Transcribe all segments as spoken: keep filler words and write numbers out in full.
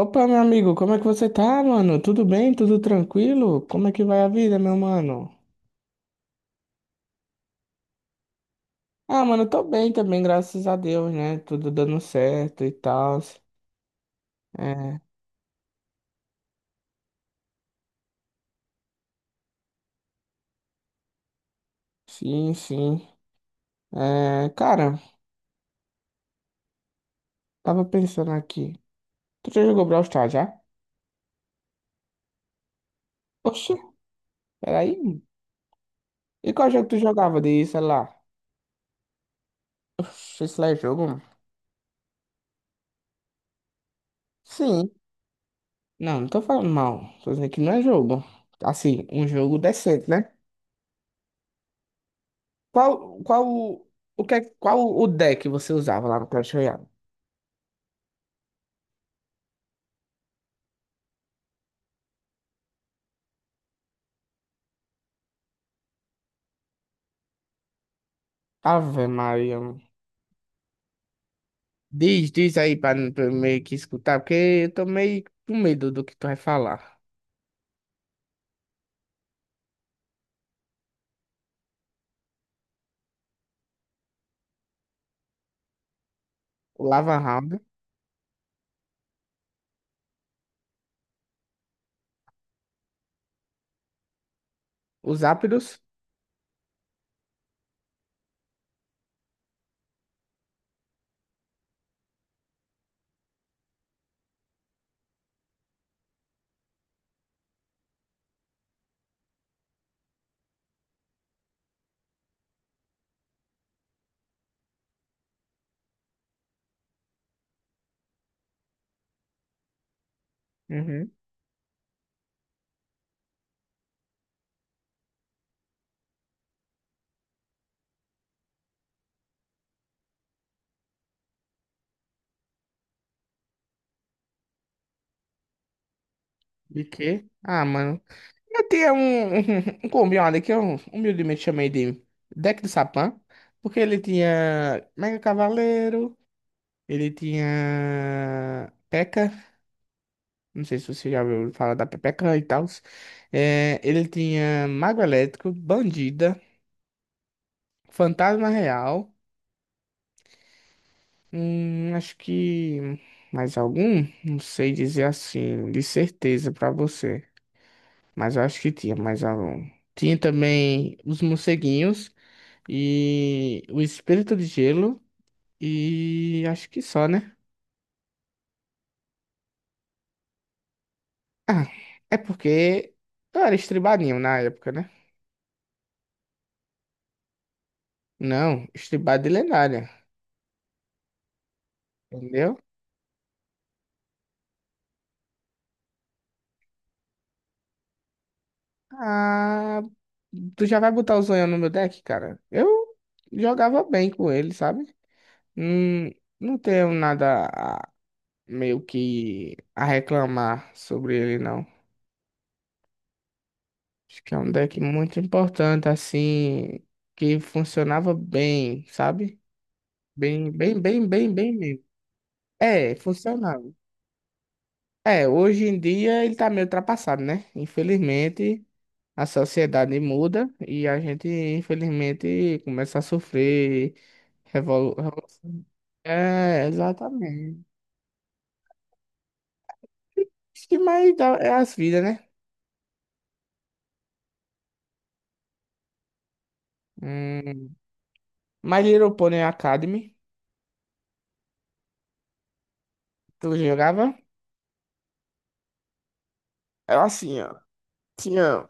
Opa, meu amigo, como é que você tá, mano? Tudo bem? Tudo tranquilo? Como é que vai a vida, meu mano? Ah, mano, eu tô bem também, graças a Deus, né? Tudo dando certo e tal. É, sim, sim. É, cara, tava pensando aqui. Tu já jogou Brawl Stars, já? Oxi, peraí. E qual jogo tu jogava de celular? Oxi, isso lá é jogo, mano? Sim. Não, não tô falando mal. Tô dizendo que não é jogo. Assim, um jogo decente, né? Qual, qual, o o que, é- qual o deck você usava lá no Clash Royale? Ave Maria, mano. Diz, diz aí pra, pra eu meio que escutar, porque eu tô meio com medo do que tu vai falar. O Lava Round, os Zapdos. Uhum. De quê? Ah, mano. Eu tinha um, um combinado que eu humildemente chamei de deck do Sapã, porque ele tinha Mega Cavaleiro, ele tinha P.E.K.K.A. Não sei se você já ouviu falar da Pepeca e tal. É, ele tinha Mago Elétrico, Bandida, Fantasma Real. Hum, acho que mais algum? Não sei dizer assim, de certeza pra você. Mas eu acho que tinha mais algum. Tinha também os morceguinhos e o Espírito de Gelo. E acho que só, né? Ah, é porque eu era estribadinho na época, né? Não, estribado de lendária. Entendeu? Ah, tu já vai botar o Zonhão no meu deck, cara? Eu jogava bem com ele, sabe? Hum, não tenho nada a- meio que a reclamar sobre ele, não. Acho que é um deck muito importante, assim, que funcionava bem, sabe? Bem, bem, bem, bem, bem mesmo. É, funcionava. É, hoje em dia ele tá meio ultrapassado, né? Infelizmente, a sociedade muda e a gente, infelizmente, começa a sofrer revolu- revolução. É, exatamente. Isso que mais dá é as vidas, né? Hum. My Little Pony Academy, tu jogava? Era assim, ó. Tinha.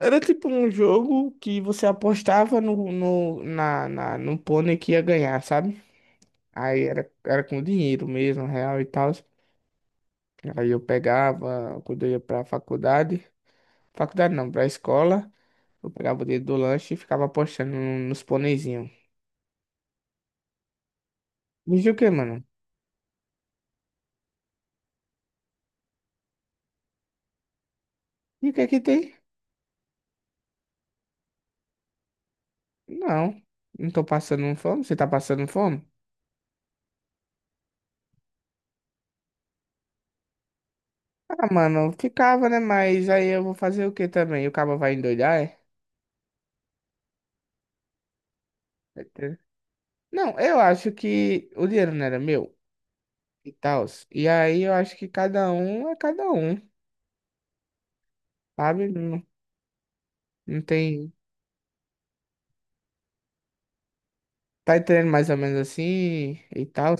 Era tipo um jogo que você apostava no, no, na, na, no pônei que ia ganhar, sabe? Aí era, era com dinheiro mesmo, real e tal. Aí eu pegava, quando eu ia pra faculdade. Faculdade não, pra escola. Eu pegava o dinheiro do lanche e ficava apostando no- nos pôneizinhos. Me diz o que, mano? E o que é que tem? Não. Não tô passando fome? Você tá passando fome? Ah, mano, ficava, né? Mas aí eu vou fazer o que também? O cabo vai endoidar, é? Certeza. Não, eu acho que o dinheiro não era meu e tal. E aí eu acho que cada um é cada um, sabe? Não, não tem. Tá entendendo mais ou menos assim e tal.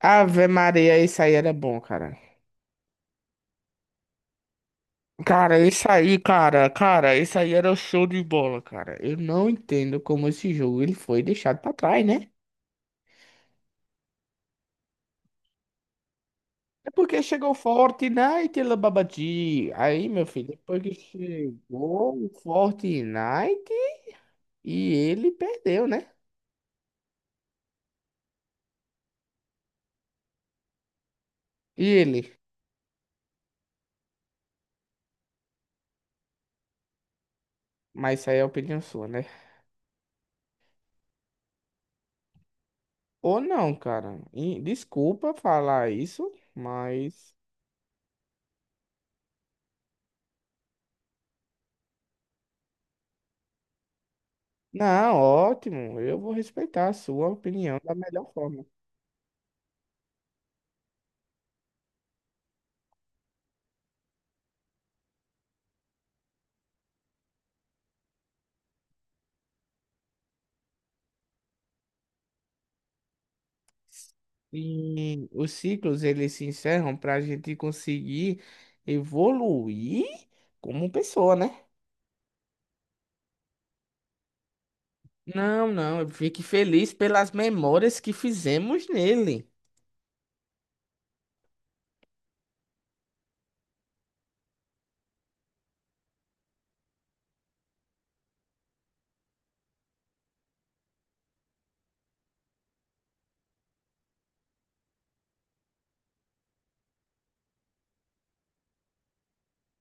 Ave Maria, isso aí era bom, cara. Cara, esse aí, cara, cara, esse aí era o show de bola, cara. Eu não entendo como esse jogo ele foi deixado pra trás, né? É porque chegou Fortnite, ela babadi. Aí, meu filho, depois que chegou o Fortnite e ele perdeu, né? E ele? Mas isso aí é opinião sua, né? Ou não, cara. E desculpa falar isso, mas. Não, ótimo. Eu vou respeitar a sua opinião da melhor forma. E os ciclos eles se encerram para a gente conseguir evoluir como pessoa, né? Não, não, eu fique feliz pelas memórias que fizemos nele.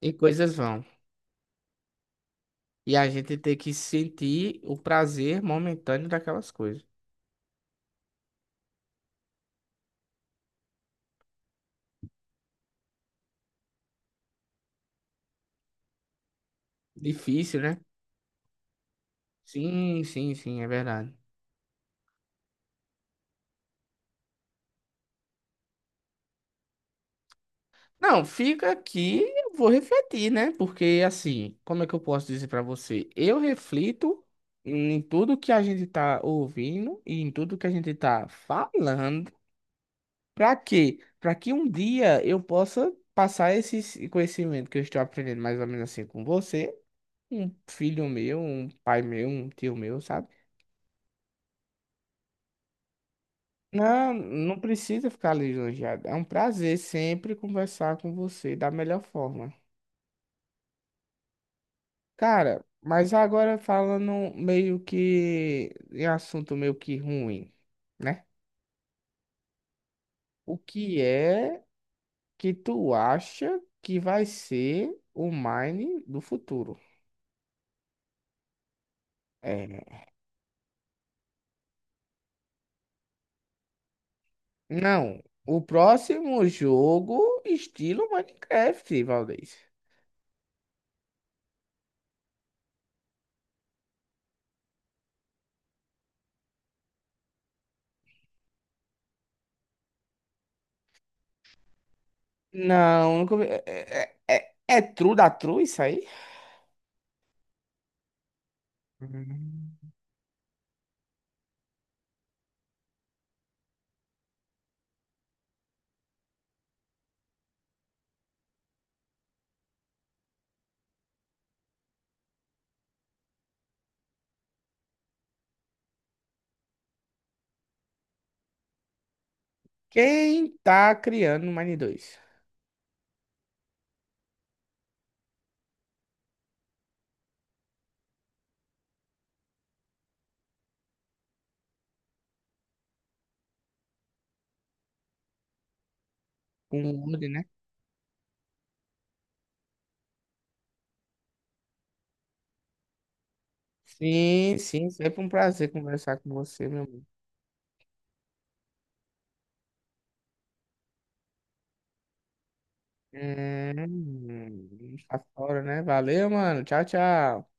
E coisas vão. E a gente tem que sentir o prazer momentâneo daquelas coisas. Difícil, né? Sim, sim, sim, é verdade. Não, fica aqui, eu vou refletir, né? Porque assim, como é que eu posso dizer pra você? Eu reflito em tudo que a gente tá ouvindo e em tudo que a gente tá falando. Pra quê? Pra que um dia eu possa passar esse conhecimento que eu estou aprendendo mais ou menos assim com você, um filho meu, um pai meu, um tio meu, sabe? Não, não precisa ficar lisonjeado. É um prazer sempre conversar com você da melhor forma. Cara, mas agora falando meio que em assunto meio que ruim, né? O que é que tu acha que vai ser o Mine do futuro? É, não, o próximo jogo estilo Minecraft, Valdez. Não, nunca vi- é, é, é, é true da true isso aí? Hum. Quem tá criando o Mine dois? Com o Wood, né? Sim, sim, sempre um prazer conversar com você, meu Hum, faço né? Valeu, mano. Tchau, tchau.